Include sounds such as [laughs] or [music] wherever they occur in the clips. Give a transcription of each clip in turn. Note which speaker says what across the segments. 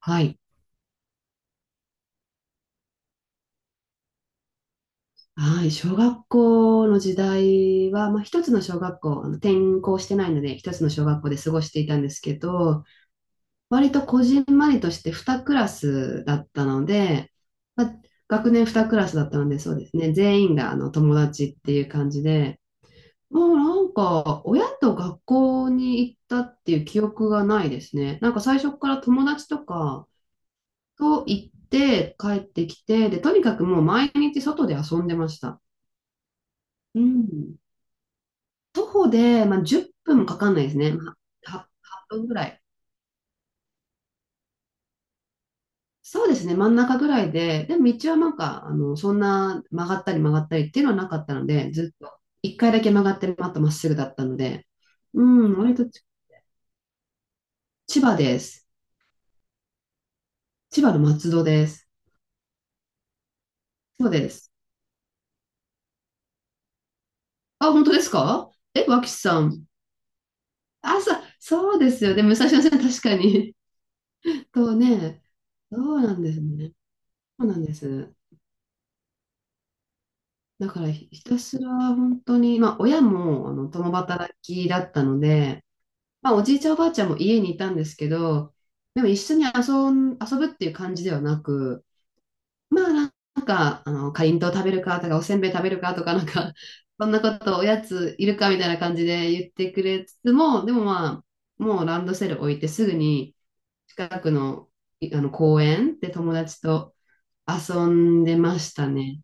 Speaker 1: はい。はい。小学校の時代は、一つの小学校、転校してないので、一つの小学校で過ごしていたんですけど、割とこじんまりとして2クラスだったので、まあ、学年2クラスだったので、そうですね。全員が友達っていう感じで、もうなんか、親と学校に行ったっていう記憶がないですね。なんか最初から友達とかと行って帰ってきて、で、とにかくもう毎日外で遊んでました。うん。徒歩で、10分もかかんないですね。あ、は8分ぐらい。そうですね、真ん中ぐらいで、でも道はなんか、そんな曲がったり曲がったりっていうのはなかったので、ずっと1回だけ曲がって、またまっすぐだったので、うん、割とち千葉です。千葉の松戸です。そうです。あ、本当ですか？え、脇さん。あ、そそうですよね、武蔵野線確かに。[laughs] とね、そうなんですね。そうなんです。だからひたすら本当に、親も共働きだったので、おじいちゃんおばあちゃんも家にいたんですけど、でも一緒に遊ん、遊ぶっていう感じではなく、まあなかりんとう食べるかとか、おせんべい食べるかとか、なんか、[laughs] そんなことおやついるかみたいな感じで言ってくれつつも、でももうランドセル置いてすぐに近くの、あの公園で友達と遊んでましたね。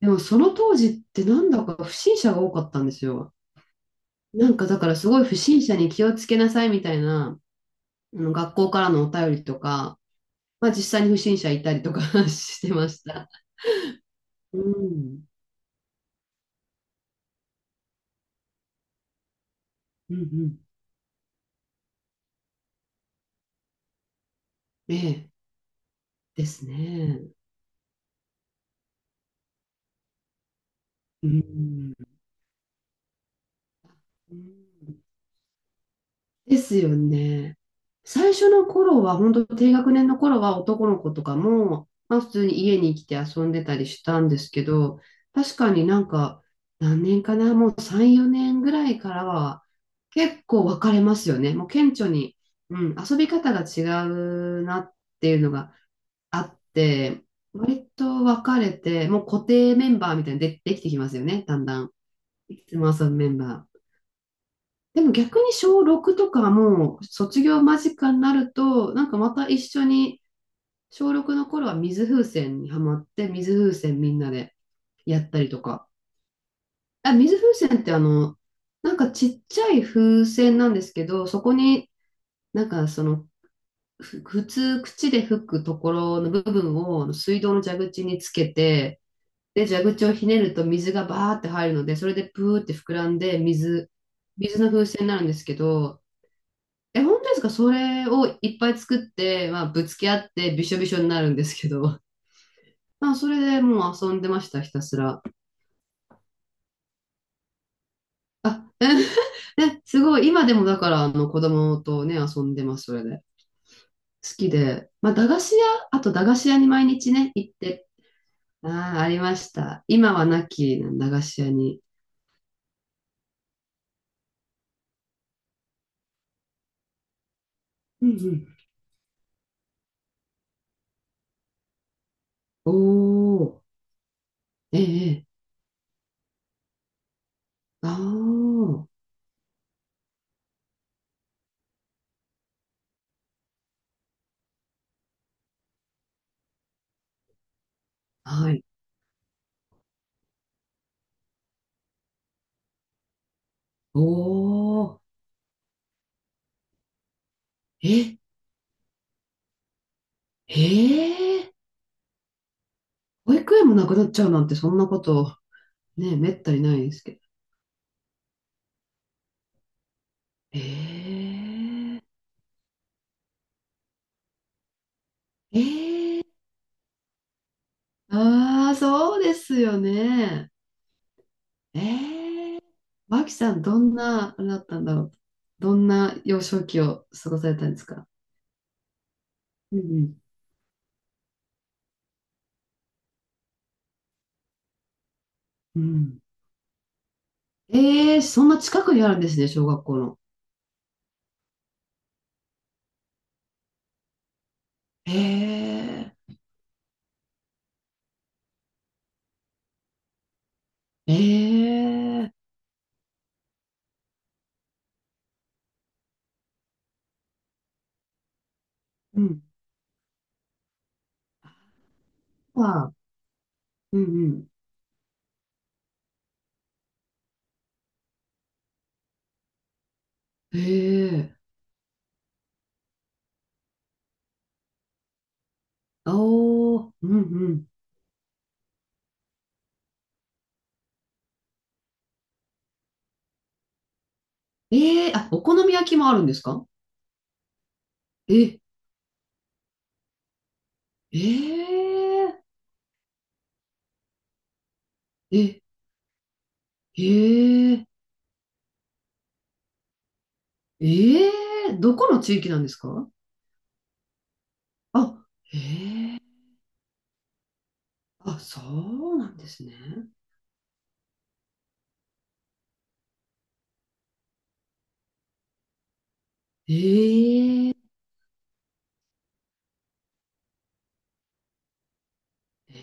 Speaker 1: でもその当時ってなんだか不審者が多かったんですよ。なんかだからすごい不審者に気をつけなさいみたいな、あの学校からのお便りとか、まあ実際に不審者いたりとか [laughs] してました。うん。うんうん。ええ。ですね。うん。うん。ですよね。最初の頃は、本当低学年の頃は男の子とかも、まあ普通に家に来て遊んでたりしたんですけど、確かになんか、何年かな、もう3、4年ぐらいからは、結構分かれますよね。もう顕著に、うん、遊び方が違うなっていうのがあって、割と分かれて、もう固定メンバーみたいにで、できてきますよね、だんだん。いつも遊ぶメンバー。でも逆に小6とかはもう卒業間近になると、なんかまた一緒に、小6の頃は水風船にハマって、水風船みんなでやったりとか。あ、水風船ってちっちゃい風船なんですけど、そこになんかその、普通口で吹くところの部分を水道の蛇口につけて、で、蛇口をひねると水がバーって入るので、それでプーって膨らんで水の風船になるんですけど、え、本当ですか？それをいっぱい作って、まあ、ぶつけ合ってびしょびしょになるんですけど。[laughs] まあ、それでもう遊んでました、ひたすら。あ、え [laughs] ね、すごい。今でもだから、あの、子供とね、遊んでます、それで。好きで。まあ、駄菓子屋、あと駄菓子屋に毎日ね、行って。ああ、ありました。今はなき駄菓子屋に。うんうん。おー、ええ、ええ、あー、はい。おー、え、ええ。保育園もなくなっちゃうなんて、そんなこと。ね、めったにないですけど。ええ、えー、ああ、そうですよね。えー、マキさん、どんな、あれだったんだろう。どんな幼少期を過ごされたんですか？うんうん。うん。えー、そんな近くにあるんですね、小学校の。ええ。ええ。うん。は、うんうん。ええ。おおー、うんうん。ええー、あ、お好み焼きもあるんですか？え、ええー、え、へえ、ええ、どこの地域なんですか？あ、へえ、あ、そうなんですね。ええ、え、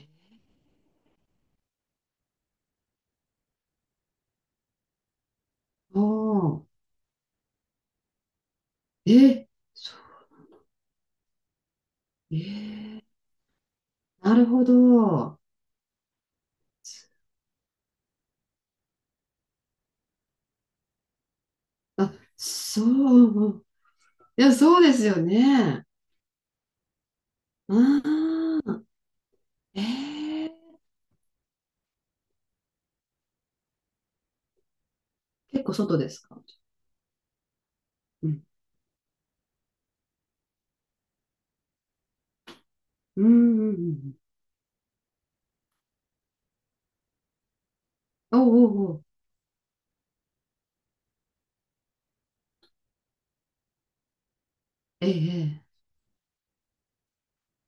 Speaker 1: おー、え、そう、ええ、なるほど。あ、そう、いや、そうですよね。ああ、ええ、結構外ですか？うん、うん、うん、うん。おうおうおう、ええ、ええ、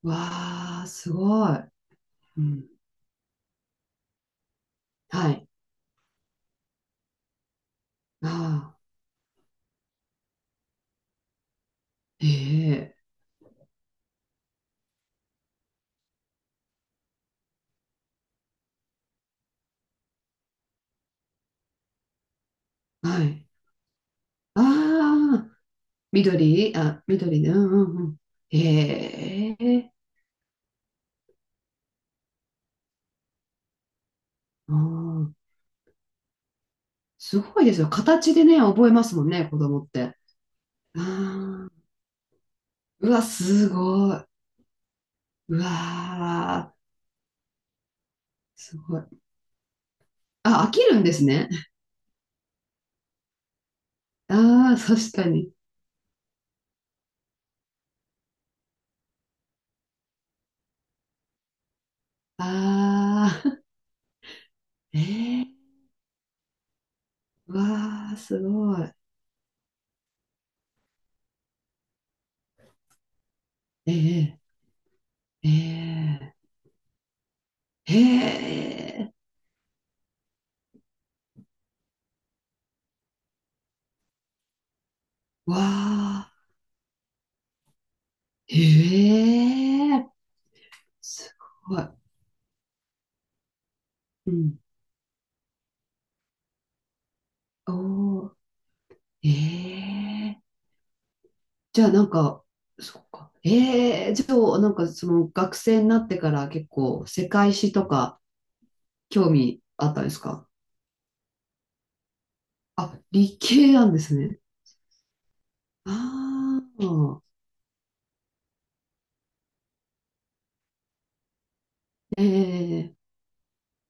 Speaker 1: わあ、すごい。うん、はい。ああ、ええ。はい。ああ、緑、あ、緑で、うんうんうん。へえ、あー、すごいですよ。形でね、覚えますもんね、子供って。ああ、うわ、すごい。うわー、すごい。あ、飽きるんですね。ああ、確かに。ああ、[laughs] えー、うわあ、すごい。ええ、ええ、ええ、わあ、ええ、すごい。うん。おー、ええ、じゃあなんか、そっか。ええ、じゃあなんかその学生になってから結構世界史とか興味あったんですか？あ、理系なんですね。ああ、ええ、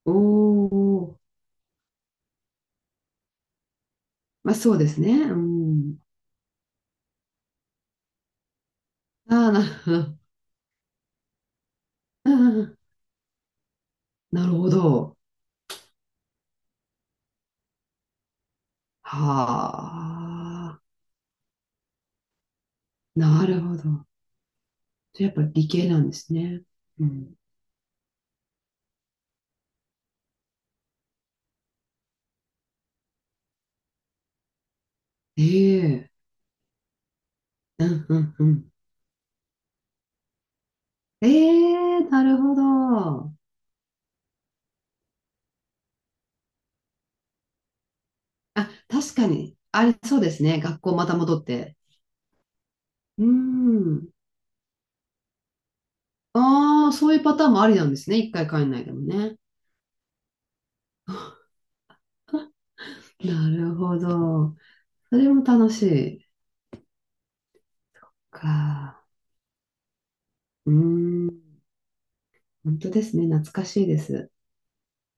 Speaker 1: おお、まあそうですね。うん。ああ、なるほど。[laughs] うん、なるほど。はあ、なるほど。じゃあやっぱ理系なんですね。うん、ええ、うんうんうん。ええ、なるほど。あ、確かに。あれ、そうですね。学校また戻って。うーん。ああ、そういうパターンもありなんですね。一回帰んないでもね。なるほど。それも楽しい。か。うーん。本当ですね。懐かしいです。